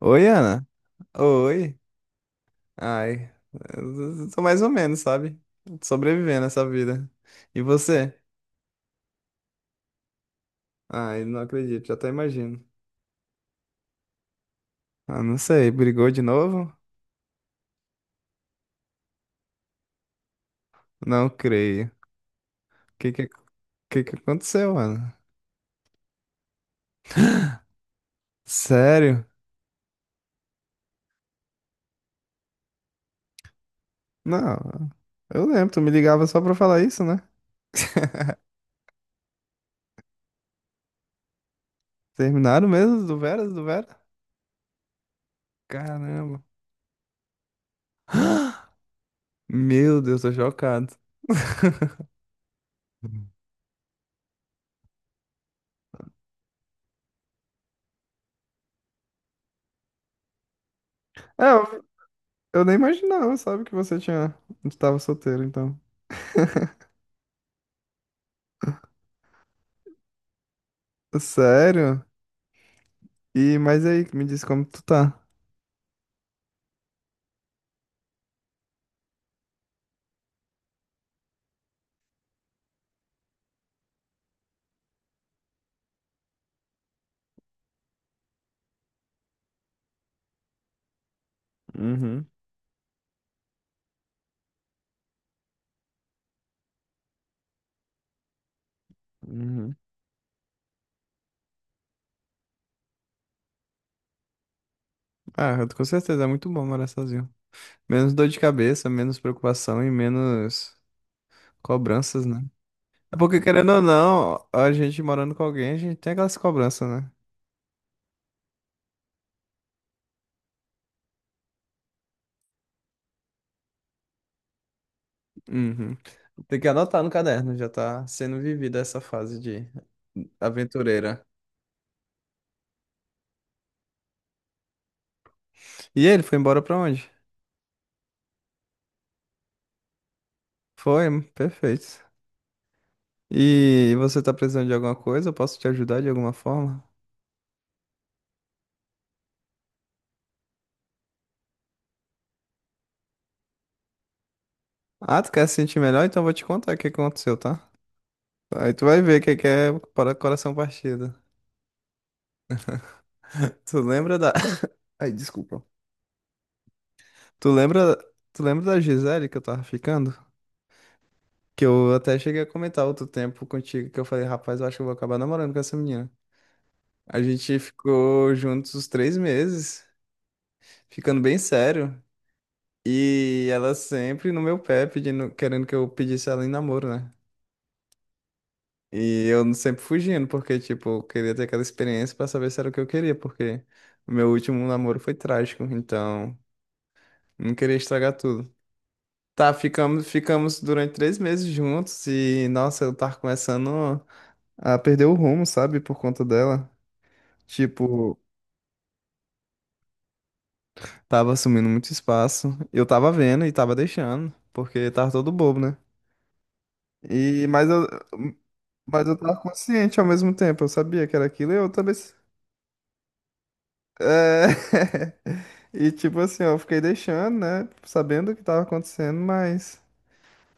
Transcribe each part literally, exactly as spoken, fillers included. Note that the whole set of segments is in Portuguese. Oi, Ana. Oi. Ai, eu tô mais ou menos, sabe? Sobrevivendo essa vida. E você? Ai, não acredito, já até imagino. Ah, não sei, brigou de novo? Não creio. O que que, que que aconteceu, Ana? Sério? Não, eu lembro, tu me ligava só pra falar isso, né? Terminaram mesmo do Veras, do Vera? Caramba. Meu Deus, tô chocado. É, eu Eu nem imaginava, sabe, que você tinha. Tu tava solteiro, então. Sério? E, mas aí, me diz como tu tá. Uhum, uhum. Ah, eu- com certeza, é muito bom morar sozinho. Menos dor de cabeça, menos preocupação e menos cobranças, né? É porque, querendo ou não, a gente morando com alguém, a gente tem aquelas cobranças, né? Uhum. Tem que anotar no caderno, já tá sendo vivida essa fase de aventureira. E ele foi embora pra onde? Foi, perfeito. E você tá precisando de alguma coisa? Eu posso te ajudar de alguma forma? Ah, tu quer se sentir melhor? Então eu vou te contar o que aconteceu, tá? Aí tu vai ver o que que é para coração partido. Tu lembra da... Ai, desculpa. Tu lembra, tu lembra da Gisele que eu tava ficando? Que eu até cheguei a comentar outro tempo contigo que eu falei, rapaz, eu acho que eu vou acabar namorando com essa menina. A gente ficou juntos uns três meses, ficando bem sério. E ela sempre no meu pé, pedindo, querendo que eu pedisse ela em namoro, né? E eu sempre fugindo, porque, tipo, eu queria ter aquela experiência pra saber se era o que eu queria, porque o meu último namoro foi trágico, então não queria estragar tudo. Tá, ficamos, ficamos durante três meses juntos e, nossa, eu tava começando a perder o rumo, sabe, por conta dela. Tipo, tava assumindo muito espaço. Eu tava vendo e tava deixando, porque tava todo bobo, né? E, mas eu, mas eu tava consciente ao mesmo tempo, eu sabia que era aquilo e eu também. É... E tipo assim, ó, eu fiquei deixando, né? Sabendo o que tava acontecendo, mas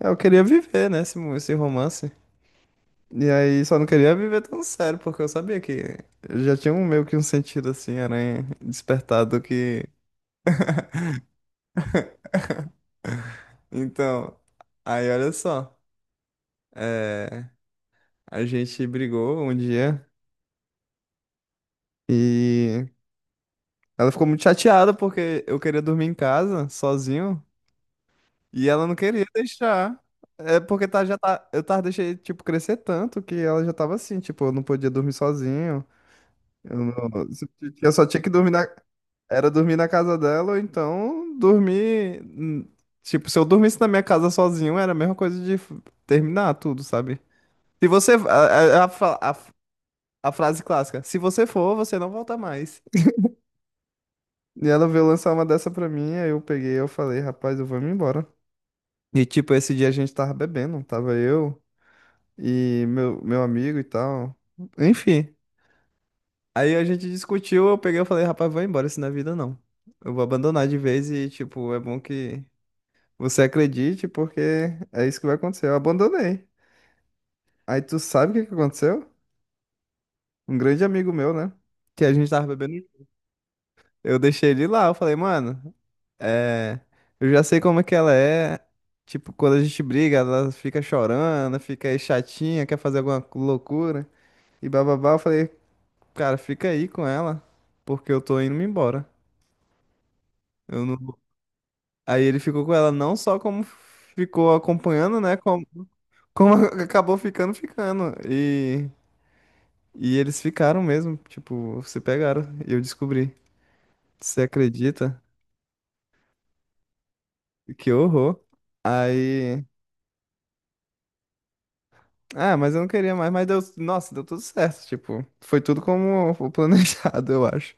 é, eu queria viver, né? Esse, mo- esse romance. E aí só não queria viver tão sério, porque eu sabia que eu já tinha um meio que um sentido assim, aranha despertado que. Então, aí olha só. é, A gente brigou um dia e ela ficou muito chateada porque eu queria dormir em casa, sozinho. E ela não queria deixar. É porque tá, já tá, eu tava deixei, tipo, crescer tanto que ela já tava assim, tipo, eu não podia dormir sozinho. Eu, não- Eu só tinha que dormir na, era dormir na casa dela, ou então dormir. hum, Tipo, se eu dormisse na minha casa sozinho, era a mesma coisa de f- terminar tudo, sabe? Se você. A, a, a, fa- a a frase clássica: se você for, você não volta mais. E ela veio lançar uma dessa pra mim, aí eu peguei, eu falei, rapaz, eu vou me embora. E tipo, esse dia a gente tava bebendo, tava eu. e meu, meu amigo e tal. Enfim. Aí a gente discutiu, eu peguei e falei, rapaz, vou embora, isso na vida não. Eu vou abandonar de vez e, tipo, é bom que você acredite, porque é isso que vai acontecer. Eu abandonei. Aí tu sabe o que que aconteceu? Um grande amigo meu, né? Que a gente tava bebendo. Eu deixei ele lá, eu falei, mano, é, eu já sei como é que ela é. Tipo, quando a gente briga, ela fica chorando, fica aí chatinha, quer fazer alguma loucura. E bababá, eu falei, cara, fica aí com ela, porque eu tô indo-me embora. Eu não... Aí ele ficou com ela não só como ficou acompanhando, né? Como, como acabou ficando, ficando. E, e eles ficaram mesmo, tipo, se pegaram. E eu descobri. Você acredita? Que horror. Aí. Ah, mas eu não queria mais, mas deu. Nossa, deu tudo certo. Tipo, foi tudo como o planejado, eu acho.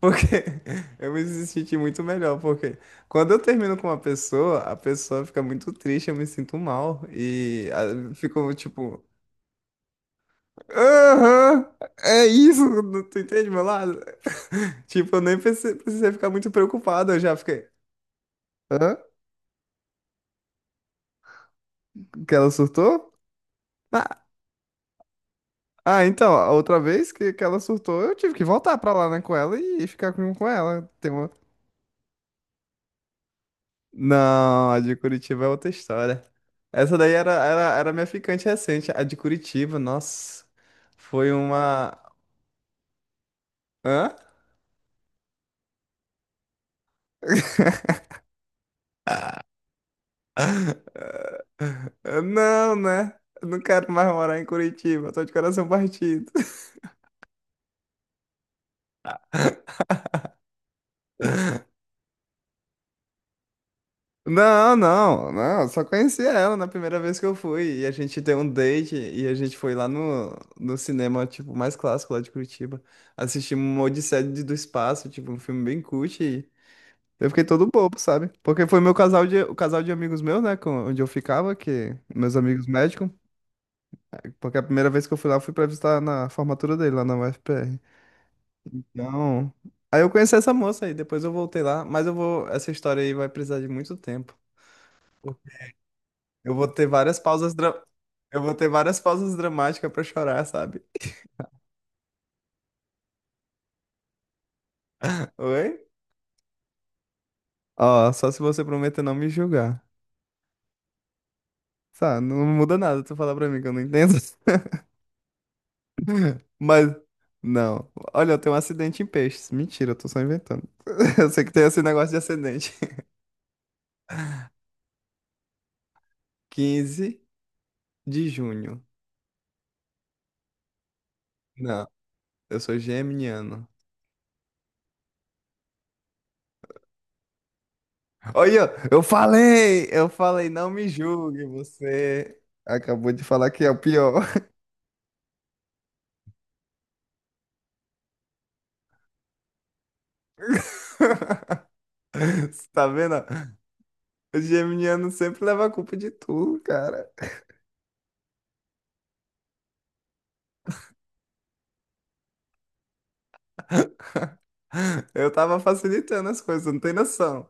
Porque eu me senti muito melhor, porque quando eu termino com uma pessoa, a pessoa fica muito triste, eu me sinto mal. E ah, fico tipo, aham, é isso, tu entende meu lado? Tipo, eu nem prece- precisei ficar muito preocupado, eu já fiquei, hã? Que ela surtou? Ah, ah, então, a outra vez que, que ela surtou, eu tive que voltar pra lá, né, com ela e ficar com, com ela. Tem uma, não, a de Curitiba é outra história. Essa daí era, era, era minha ficante recente. A de Curitiba, nossa, foi uma. Hã? Eu não, né? Eu não quero mais morar em Curitiba, tô de coração partido. Não, não, não, eu só conheci ela na primeira vez que eu fui. E a gente deu um date e a gente foi lá no, no cinema, tipo, mais clássico lá de Curitiba. Assistimos uma Odisseia de- do Espaço, tipo, um filme bem cult. Eu fiquei todo bobo, sabe? Porque foi meu casal de, o casal de amigos meus, né? Com- onde eu ficava, que meus amigos médicos. Porque a primeira vez que eu fui lá, eu fui pra visitar na formatura dele, lá na U F P R. Então. Aí eu conheci essa moça aí, depois eu voltei lá. Mas eu vou. Essa história aí vai precisar de muito tempo. Eu vou ter várias pausas. dra- Eu vou ter várias pausas dramáticas pra chorar, sabe? Oi? Ó, só se você prometer não me julgar. Tá, não muda nada tu falar pra mim que eu não entendo. Mas, não. Olha, eu tenho um acidente em peixes. Mentira, eu tô só inventando. Eu sei que tem esse negócio de acidente. Quinze de junho. Não, eu sou geminiano. Olha, eu falei! Eu falei, não me julgue, você acabou de falar que é o pior. Você tá vendo? O geminiano sempre leva a culpa de tudo, cara. Eu tava facilitando as coisas, não tem noção.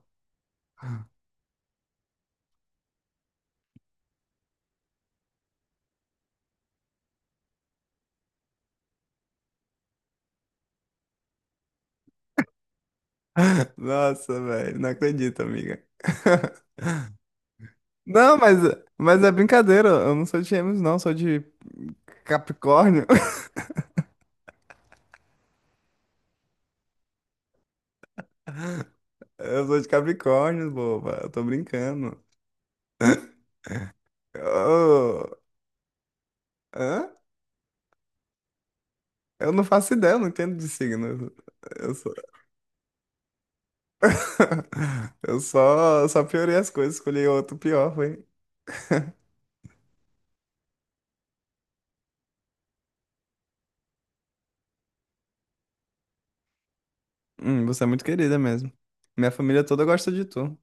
Nossa, velho, não acredito, amiga. Não, mas, mas é brincadeira. Eu não sou de gêmeos, não. eu Sou de Capricórnio. Eu sou de Capricórnio, boba. Eu tô brincando. Eu, hã? Eu não faço ideia, eu não entendo de signo. Eu só, eu só, eu só piorei as coisas, escolhi outro pior, foi. Hum, você é muito querida mesmo. Minha família toda gosta de tu.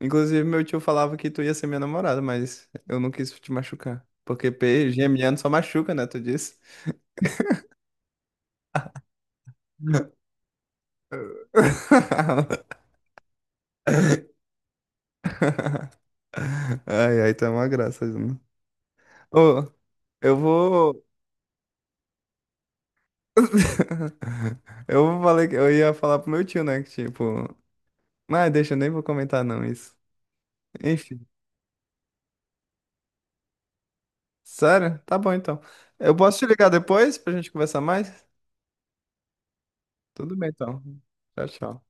Inclusive, meu tio falava que tu ia ser minha namorada, mas eu não quis te machucar. Porque P, geminiano só machuca, né? Tu disse. Ai, ai, tá uma graça, Juna. Ô, eu vou. Eu falei que eu ia falar pro meu tio, né? Que tipo. Mas deixa, eu nem vou comentar não isso. Enfim. Sério? Tá bom então. Eu posso te ligar depois pra gente conversar mais? Tudo bem então. Tchau, tchau.